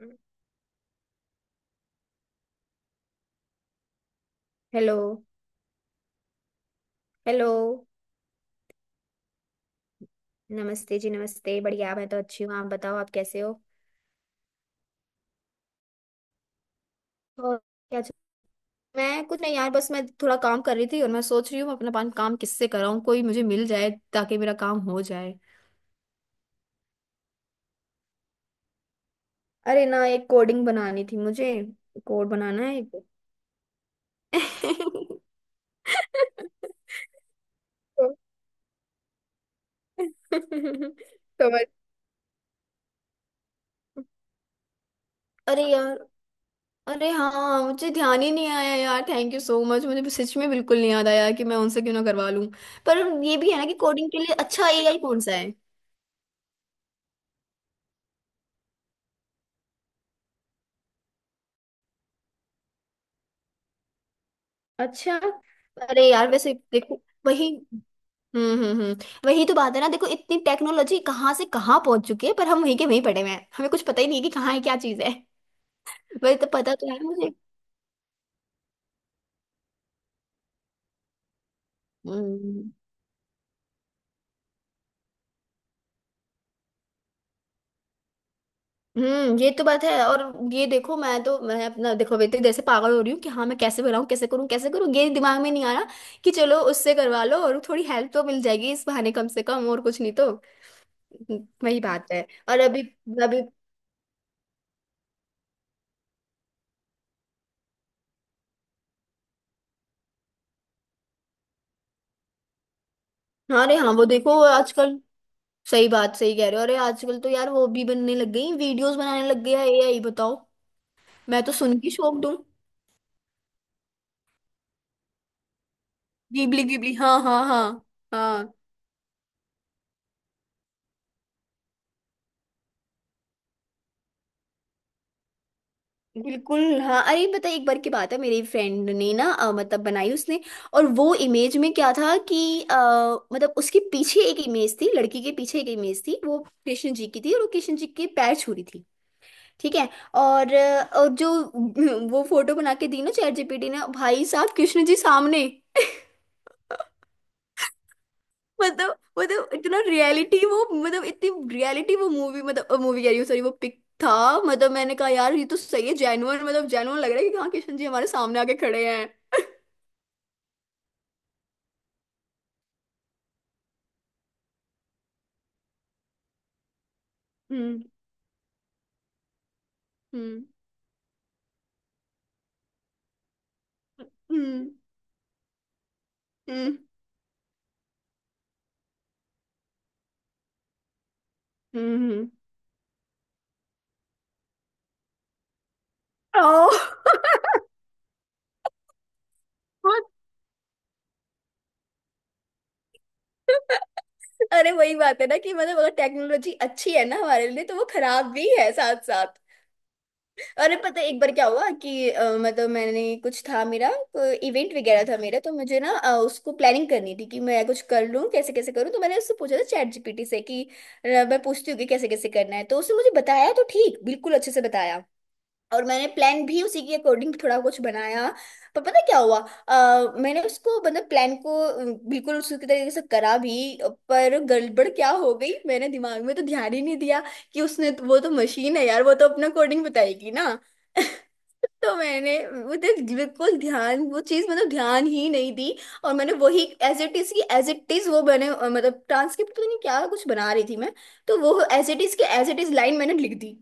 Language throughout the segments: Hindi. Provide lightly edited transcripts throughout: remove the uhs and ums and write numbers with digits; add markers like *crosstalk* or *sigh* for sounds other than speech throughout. हेलो। हेलो। नमस्ते जी, नमस्ते। बढ़िया, मैं तो अच्छी हूँ, आप बताओ, आप कैसे हो। और क्या मैं कुछ नहीं यार, बस मैं थोड़ा काम कर रही थी और मैं सोच रही हूँ मैं अपना काम किससे कराऊँ, कोई मुझे मिल जाए ताकि मेरा काम हो जाए। अरे ना, एक कोडिंग बनानी थी मुझे। कोड बनाना है एक। *laughs* तो *laughs* तो मैं- अरे यार। अरे हाँ, मुझे ध्यान ही नहीं आया यार, थैंक यू सो मच, मुझे सच में बिल्कुल नहीं याद आया कि मैं उनसे क्यों ना करवा लूं। पर ये भी है ना कि कोडिंग के लिए अच्छा AI कौन सा है। अच्छा। अरे यार, वैसे देखो वही। हम्म, हम्म, हम्म। वही तो बात है ना, देखो इतनी टेक्नोलॉजी कहाँ से कहाँ पहुंच चुकी है पर हम वहीं के वहीं पड़े हुए हैं, हमें कुछ पता ही नहीं है कि कहाँ है क्या चीज है। वही तो, पता तो है मुझे। हम्म, हम्म, ये तो बात है। और ये देखो, मैं अपना देखो, बेटे जैसे पागल हो रही हूँ कि हाँ मैं कैसे बनाऊँ, कैसे करूँ कैसे करूँ, ये दिमाग में नहीं आ रहा। कि चलो उससे करवा लो और थोड़ी हेल्प तो मिल जाएगी इस बहाने, कम से कम और कुछ नहीं तो। वही बात है। और अभी। अभी। हाँ, अरे हाँ वो देखो आजकल। सही बात, सही कह रहे हो, अरे आजकल तो यार वो भी बनने लग गई, वीडियोस बनाने लग गया है एआई, बताओ। मैं तो सुन के शौक दूँ। गिबली गिबली, हाँ हाँ हाँ। हाँ। बिल्कुल, हाँ अरे पता है एक बार की बात है, मेरी फ्रेंड ने ना मतलब बनाई उसने। और वो इमेज में क्या था कि अ, मतलब उसके पीछे एक इमेज थी, लड़की के पीछे एक इमेज थी, वो कृष्ण जी की थी और वो कृष्ण जी के पैर छू रही थी। ठीक है। और, और जो *laughs* वो फोटो बना के दी ना ChatGPT ने, भाई साहब कृष्ण जी सामने। *laughs* मतलब इतना रियलिटी वो, मतलब इतनी रियलिटी वो मूवी, मतलब मूवी कह रही हूँ सॉरी वो पिक था। मतलब मैंने कहा यार ये तो सही है, जेन्युइन, मतलब जेन्युइन लग रहा है कि हाँ कृष्ण जी हमारे सामने आके खड़े हैं। Mm, mm, mm, mm, mm। ओह। *laughs* अरे वही बात है ना कि मतलब, अगर टेक्नोलॉजी अच्छी है ना हमारे लिए, तो वो खराब भी है साथ साथ। अरे पता है एक बार क्या हुआ कि मतलब मैंने कुछ था मेरा इवेंट वगैरह था मेरा, तो मुझे ना उसको प्लानिंग करनी थी कि मैं कुछ कर लूँ कैसे कैसे करूँ, तो मैंने उससे पूछा था चैट जीपीटी से कि मैं पूछती हूँ कि कैसे कैसे करना है, तो उसने मुझे बताया, तो ठीक, बिल्कुल अच्छे से बताया। और मैंने प्लान भी उसी के अकॉर्डिंग थोड़ा कुछ बनाया। पर पता क्या हुआ, मैंने उसको मतलब प्लान को बिल्कुल उसी के तरीके से करा भी। पर गड़बड़ क्या हो गई, मैंने दिमाग में तो ध्यान ही नहीं दिया कि उसने तो, वो तो मशीन है यार, वो तो अपना कोडिंग बताएगी ना। *laughs* तो मैंने मतलब बिल्कुल ध्यान वो चीज मतलब ध्यान ही नहीं दी। और मैंने वही एज इट इज की एज इट इज वो मैंने मतलब ट्रांसक्रिप्ट तो नहीं क्या कुछ बना रही थी मैं। तो वो एज इट इज के एज इट इज लाइन मैंने लिख दी।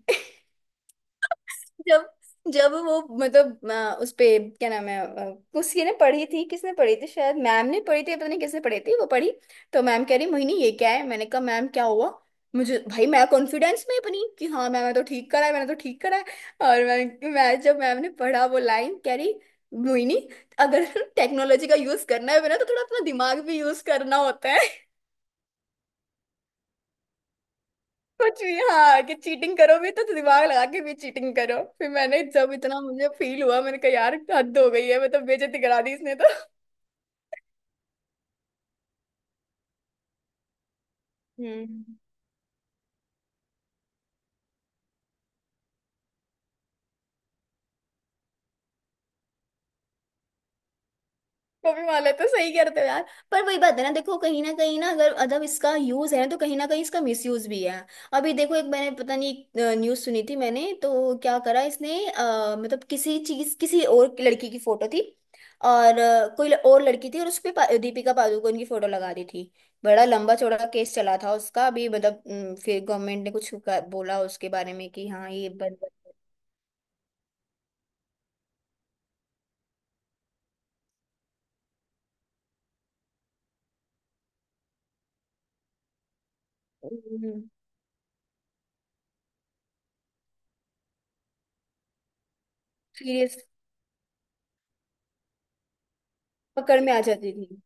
जब जब वो मतलब उस पे क्या नाम है किसी ने पढ़ी थी, किसने पढ़ी थी, शायद मैम ने पढ़ी थी, पता नहीं किसने पढ़ी थी, वो पढ़ी। तो मैम कह रही, मोहिनी ये क्या है, मैंने कहा मैम क्या हुआ। मुझे भाई, मैं कॉन्फिडेंस में बनी कि हाँ मैम, मैं तो ठीक करा है, मैंने तो ठीक करा है। और मैं जब मैम ने पढ़ा वो लाइन, कह रही, मोहिनी, अगर *laughs* टेक्नोलॉजी का यूज करना है ना तो थोड़ा अपना दिमाग भी यूज करना होता है। कुछ भी, हाँ कि चीटिंग करो भी तो दिमाग लगा के भी चीटिंग करो, फिर मैंने जब इतना मुझे फील हुआ, मैंने कहा यार हद हो गई है, मैं तो बेइज्जती करा दी इसने तो। हम्म। कॉपी मार लेते हो, सही करते हो यार। पर वही बात है ना देखो, कहीं ना अगर अदब इसका यूज है ना तो कहीं ना कहीं इसका मिसयूज भी है। अभी देखो एक, मैंने पता नहीं न्यूज सुनी थी, मैंने तो क्या करा इसने, मतलब किसी चीज, किसी और की लड़की की फोटो थी। और कोई और लड़की थी और उस पे दीपिका पादुकोण की फोटो लगा दी थी। बड़ा लंबा चौड़ा केस चला था उसका अभी, मतलब फिर गवर्नमेंट ने कुछ बोला उसके बारे में कि हाँ ये बंद। सीरियस। पकड़ में आ जाती थी।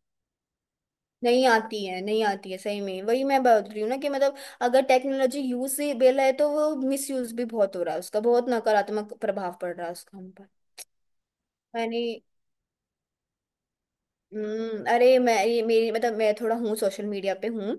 नहीं आती है, नहीं आती है, सही में वही मैं बोल रही हूँ ना कि मतलब, अगर टेक्नोलॉजी यूजेबल है तो वो मिसयूज भी बहुत हो रहा है उसका, बहुत नकारात्मक प्रभाव पड़ रहा है उसका हम पर। मैंने। हम्म, अरे मैं ये मेरी मतलब मैं थोड़ा हूँ सोशल मीडिया पे हूँ,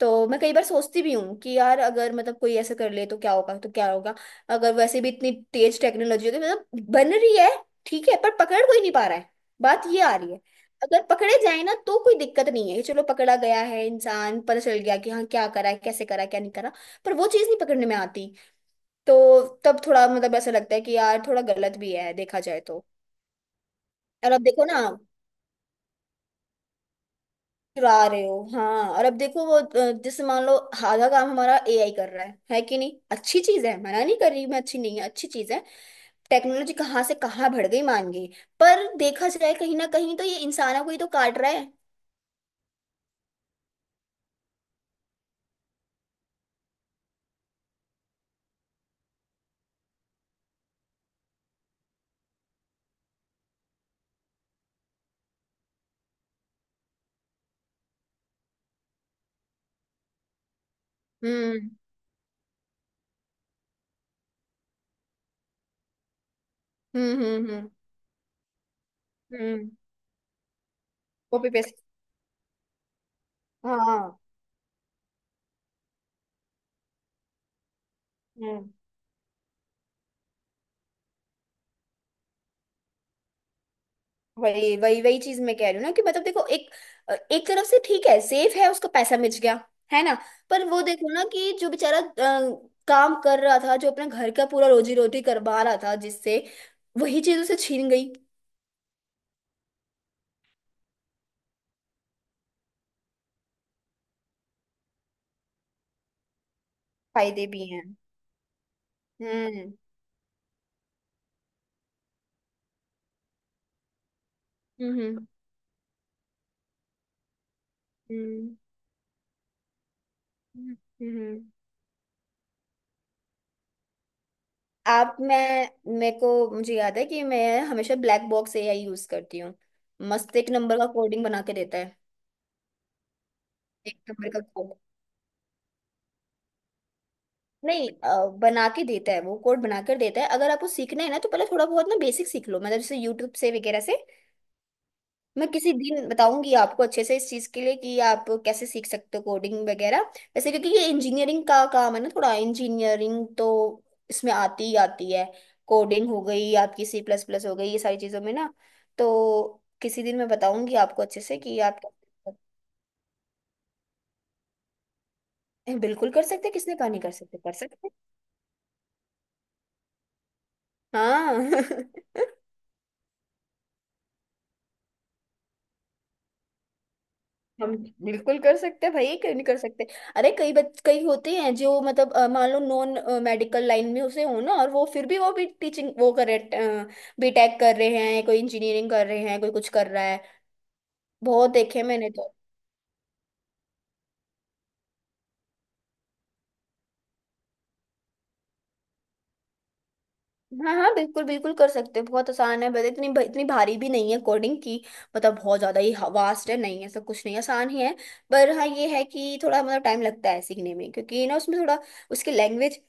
तो मैं कई बार सोचती भी हूँ कि यार अगर मतलब कोई ऐसा कर ले तो क्या होगा, तो क्या होगा। अगर वैसे भी इतनी तेज टेक्नोलॉजी होगी, मतलब बन रही है। ठीक है पर पकड़ कोई नहीं पा रहा है, बात ये आ रही है। अगर पकड़े जाए ना तो कोई दिक्कत नहीं है कि चलो पकड़ा गया है इंसान, पता चल गया कि हाँ क्या करा है, कैसे करा है, क्या नहीं करा। पर वो चीज़ नहीं पकड़ने में आती। तो तब थोड़ा मतलब ऐसा लगता है कि यार थोड़ा गलत भी है देखा जाए तो। और अब देखो ना, चुरा रहे हो हाँ, और अब देखो वो जैसे मान लो आधा काम हमारा एआई कर रहा है कि नहीं, अच्छी चीज है, मना नहीं कर रही मैं, अच्छी नहीं है, अच्छी चीज है। टेक्नोलॉजी कहाँ से कहाँ बढ़ गई, मान गई। पर देखा जाए कहीं ना कहीं तो ये इंसानों को ही तो काट रहा है। हम्म, हम्म, हम्म, हम्म। Copy paste. हाँ। हम्म। वही वही वही चीज मैं कह रही हूँ ना कि मतलब देखो, एक, एक तरफ से ठीक है, सेफ है, उसको पैसा मिल गया। है ना। पर वो देखो ना कि जो बेचारा काम कर रहा था, जो अपने घर का पूरा रोजी रोटी करवा रहा था जिससे, वही चीज उसे छीन गई। फायदे भी हैं। हम्म, हम्म, हम्म, हम्म। आप मैं मेरे को, मुझे याद है कि मैं हमेशा ब्लैक बॉक्स एआई यूज करती हूँ। मस्त, एक नंबर का कोडिंग बना के देता है। एक नंबर का। नहीं, बना के देता है वो, कोड बनाकर देता है, अगर आपको सीखना है ना तो पहले थोड़ा बहुत ना बेसिक सीख लो, मतलब जैसे यूट्यूब से वगैरह से। मैं किसी दिन बताऊंगी आपको अच्छे से इस चीज के लिए कि आप कैसे सीख सकते हो कोडिंग वगैरह। वैसे क्योंकि ये इंजीनियरिंग का काम है ना, थोड़ा इंजीनियरिंग तो इसमें आती ही आती है। कोडिंग हो गई, आपकी सी प्लस प्लस हो गई, ये सारी चीजों में ना, तो किसी दिन मैं बताऊंगी आपको अच्छे से कि आप। बिल्कुल कर सकते हैं, किसने कहा नहीं कर सकते, कर सकते हैं। हाँ *laughs* हम। बिल्कुल कर सकते हैं भाई, क्यों नहीं कर सकते। अरे कई होते हैं जो मतलब मान लो नॉन मेडिकल लाइन में उसे हो ना, और वो फिर भी वो भी टीचिंग वो कर रहे, B.Tech कर रहे हैं कोई, इंजीनियरिंग कर रहे हैं कोई, कुछ कर रहा है। बहुत देखे मैंने तो। हाँ हाँ, बिल्कुल बिल्कुल कर सकते हैं, बहुत आसान है, बस इतनी इतनी भारी भी नहीं है कोडिंग की। मतलब बहुत ज्यादा ही वास्ट है नहीं, है सब कुछ नहीं, आसान ही है। पर हाँ ये है कि थोड़ा मतलब टाइम लगता है सीखने में, क्योंकि ना उसमें थोड़ा उसकी लैंग्वेज,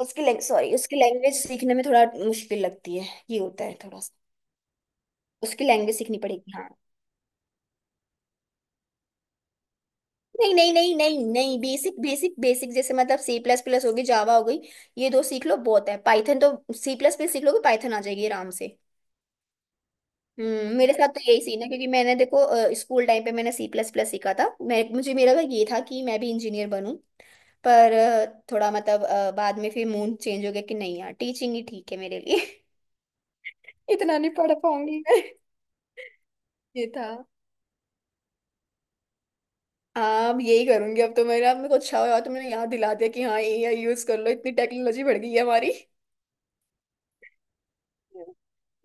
उसकी लैंग सॉरी उसकी लैंग्वेज सीखने में थोड़ा मुश्किल लगती है। ये होता है थोड़ा सा, उसकी लैंग्वेज सीखनी पड़ेगी हाँ। नहीं नहीं नहीं नहीं नहीं, बेसिक बेसिक बेसिक जैसे मतलब सी प्लस प्लस होगी, जावा हो गई। ये दो सीख लो बहुत है, पाइथन तो, सी प्लस प्लस सीख लोगे पाइथन आ जाएगी आराम से। हम्म, मेरे साथ तो यही सीन है, क्योंकि मैंने देखो स्कूल टाइम पे मैंने सी प्लस प्लस सीखा था, मैं मुझे मेरा भाई ये था कि मैं भी इंजीनियर बनूं। पर थोड़ा मतलब बाद में फिर मूड चेंज हो गया कि नहीं यार टीचिंग ही ठीक है मेरे लिए। *laughs* इतना नहीं पढ़ पाऊंगी मैं। ये था। हाँ अब यही करूंगी, अब तो मेरा मेरे को अच्छा हुआ तुमने याद दिला दिया कि हाँ एआई यूज कर लो, इतनी टेक्नोलॉजी बढ़ गई है हमारी।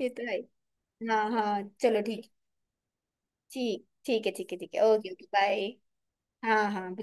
ये तो है ही। हाँ हाँ चलो ठीक, ठीक ठीक है, ठीक है, ठीक है, ओके ओके बाय। हाँ हाँ।